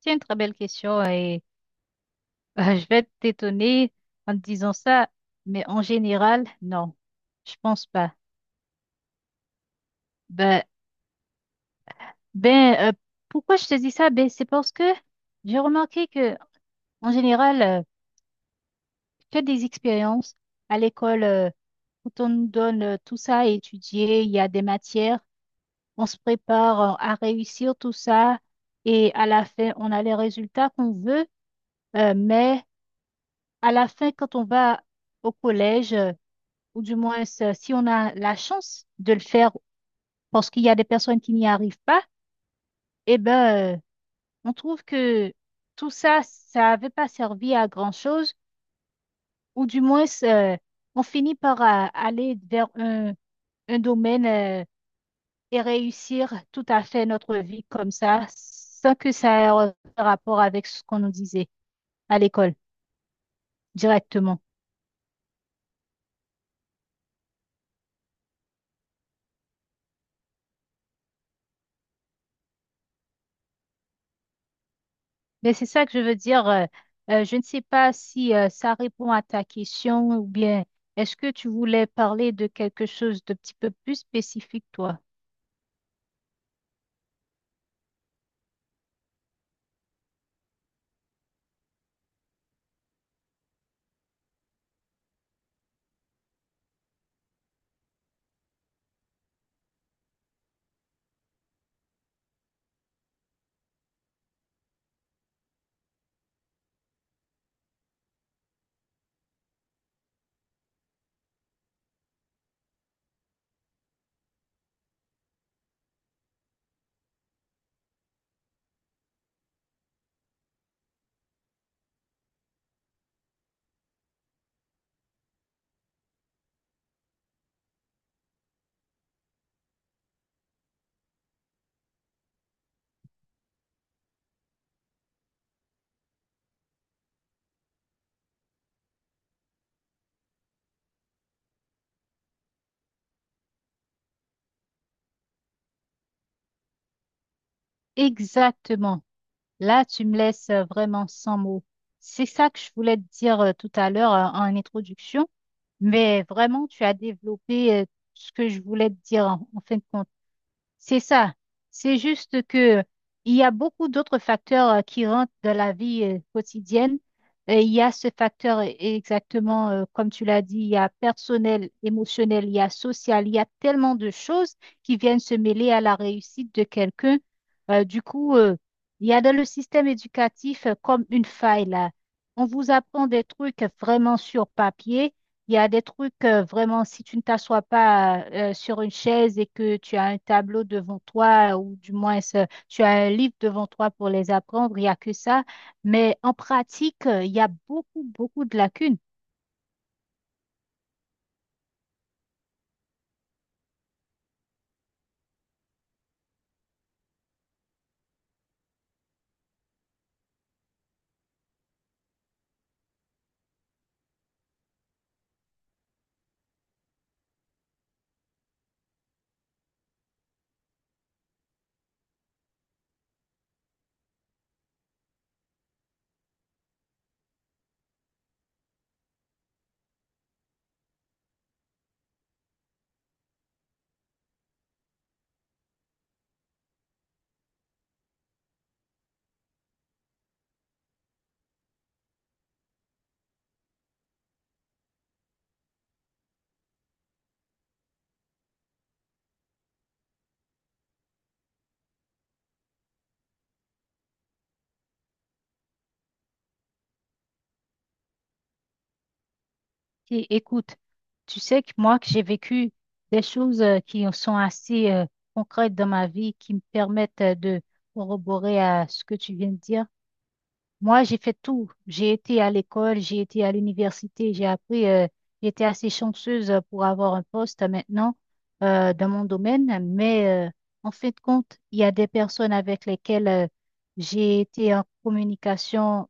C'est une très belle question et je vais t'étonner en te disant ça, mais en général, non, je pense pas. Ben, ben euh, Pourquoi je te dis ça? Ben, c'est parce que j'ai remarqué que en général, que des expériences à l'école, quand on nous donne tout ça à étudier, il y a des matières, on se prépare à réussir tout ça et à la fin, on a les résultats qu'on veut, mais à la fin, quand on va au collège, ou du moins si on a la chance de le faire parce qu'il y a des personnes qui n'y arrivent pas, eh ben, on trouve que tout ça, ça n'avait pas servi à grand-chose, ou du moins, on finit par aller vers un domaine et réussir tout à fait notre vie comme ça, sans que ça ait un rapport avec ce qu'on nous disait à l'école directement. Mais c'est ça que je veux dire. Je ne sais pas si ça répond à ta question ou bien est-ce que tu voulais parler de quelque chose de petit peu plus spécifique, toi? Exactement. Là, tu me laisses vraiment sans mots. C'est ça que je voulais te dire tout à l'heure en introduction, mais vraiment, tu as développé ce que je voulais te dire en fin de compte. C'est ça. C'est juste que il y a beaucoup d'autres facteurs qui rentrent dans la vie quotidienne. Et il y a ce exactement, comme tu l'as dit, il y a personnel, émotionnel, il y a social, il y a tellement de choses qui viennent se mêler à la réussite de quelqu'un. Du coup, il y a dans le système éducatif comme une faille là. On vous apprend des trucs vraiment sur papier. Il y a des trucs, vraiment, si tu ne t'assois pas sur une chaise et que tu as un tableau devant toi, ou du moins tu as un livre devant toi pour les apprendre, il n'y a que ça. Mais en pratique, il y a beaucoup, beaucoup de lacunes. Et, écoute, tu sais que moi, que j'ai vécu des choses qui sont assez concrètes dans ma vie, qui me permettent de corroborer à ce que tu viens de dire. Moi, j'ai fait tout. J'ai été à l'école, j'ai été à l'université, j'ai appris. J'étais assez chanceuse pour avoir un poste maintenant dans mon domaine, mais en fin de compte, il y a des personnes avec lesquelles j'ai été en communication,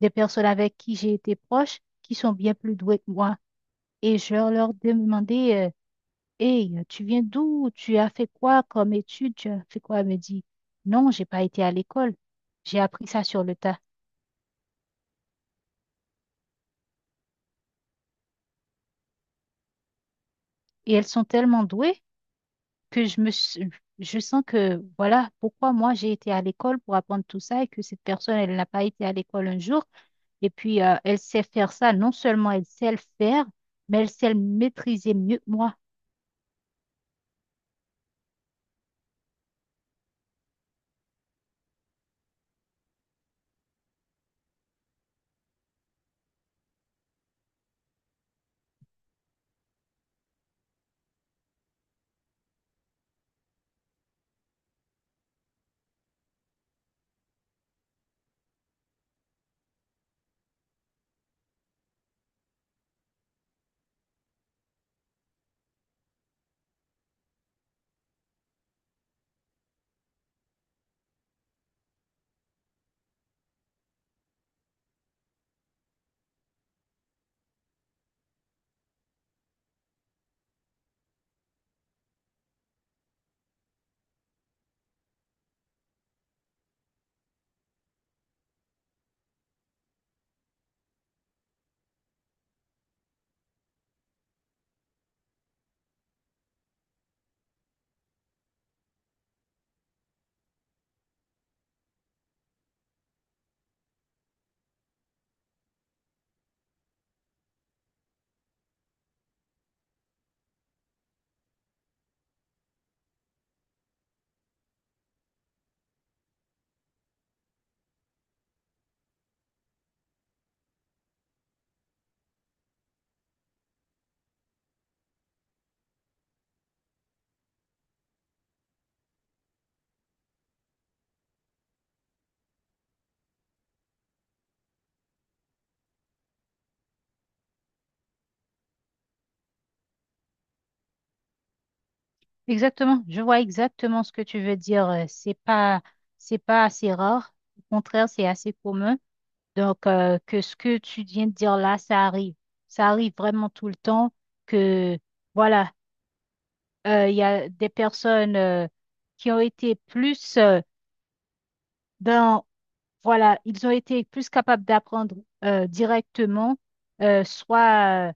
des personnes avec qui j'ai été proche, qui sont bien plus douées que moi. Et je leur demandais, hey, tu viens d'où? Tu as fait quoi comme étude? Tu as fait quoi? Elle me dit, non, j'ai pas été à l'école. J'ai appris ça sur le tas. Et elles sont tellement douées que je sens que voilà pourquoi moi j'ai été à l'école pour apprendre tout ça et que cette personne elle n'a pas été à l'école un jour. Et puis elle sait faire ça. Non seulement elle sait le faire, mais elle sait le maîtriser mieux que moi. Exactement. Je vois exactement ce que tu veux dire. C'est pas assez rare. Au contraire, c'est assez commun. Donc que ce que tu viens de dire là, ça arrive. Ça arrive vraiment tout le temps que voilà. Il y a des personnes qui ont été plus dans, voilà, ils ont été plus capables d'apprendre directement, soit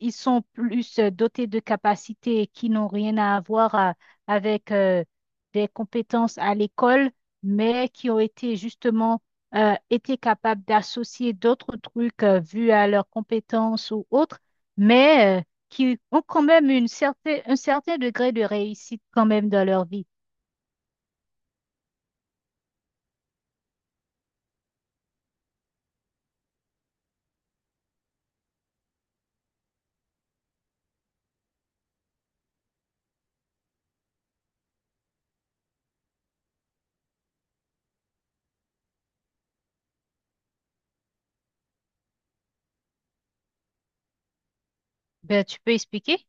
ils sont plus dotés de capacités qui n'ont rien avec des compétences à l'école, mais qui ont été justement été capables d'associer d'autres trucs vus à leurs compétences ou autres, mais qui ont quand même une certaine, un certain degré de réussite quand même dans leur vie. Ben, tu peux expliquer?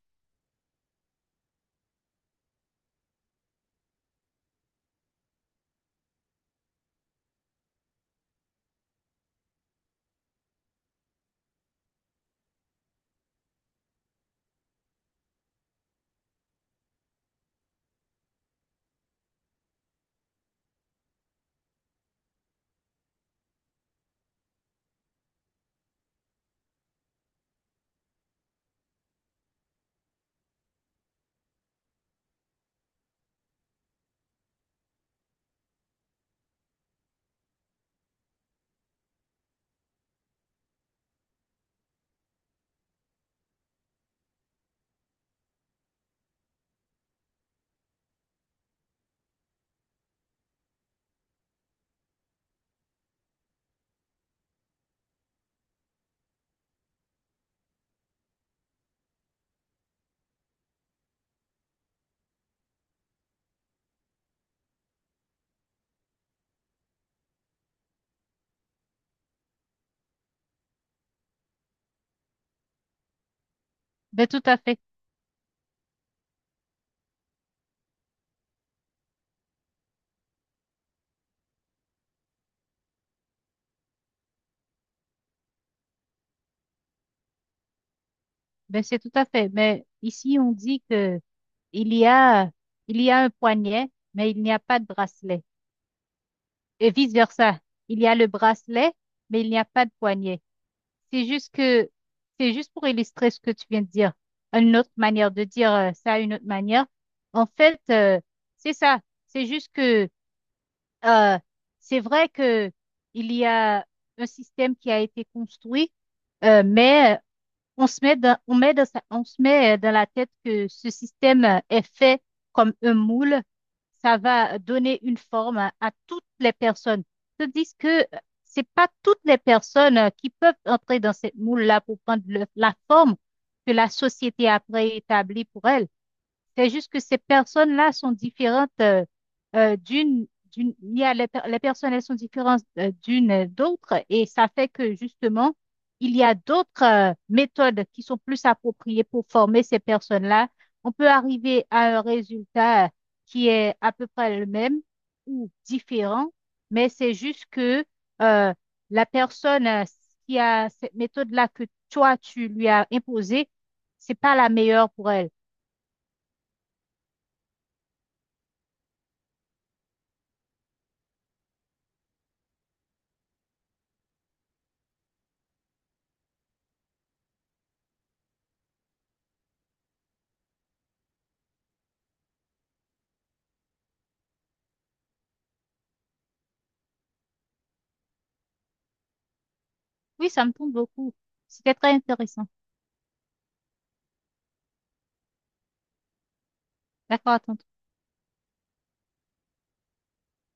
Ben, tout à fait. Ben, c'est tout à fait. Mais ici, on dit que il y a, il y a un poignet, mais il n'y a pas de bracelet. Et vice-versa. Il y a le bracelet, mais il n'y a pas de poignet. C'est juste que, c'est juste pour illustrer ce que tu viens de dire. Une autre manière de dire ça, une autre manière. En fait, c'est ça. C'est juste que, euh, c'est vrai que il y a un système qui a été construit, mais on se met dans la tête que ce système est fait comme un moule. Ça va donner une forme à toutes les personnes. Tandis que c'est pas toutes les personnes qui peuvent entrer dans cette moule-là pour prendre la forme que la société a préétablie pour elles. C'est juste que ces personnes-là sont différentes euh, d'une, il y a les personnes, elles sont différentes d'une d'autre et ça fait que justement, il y a d'autres méthodes qui sont plus appropriées pour former ces personnes-là. On peut arriver à un résultat qui est à peu près le même ou différent, mais c'est juste que euh, la personne qui a cette méthode-là que toi, tu lui as imposée, c'est pas la meilleure pour elle. Oui, ça me tombe beaucoup. C'était très intéressant. D'accord, à tantôt.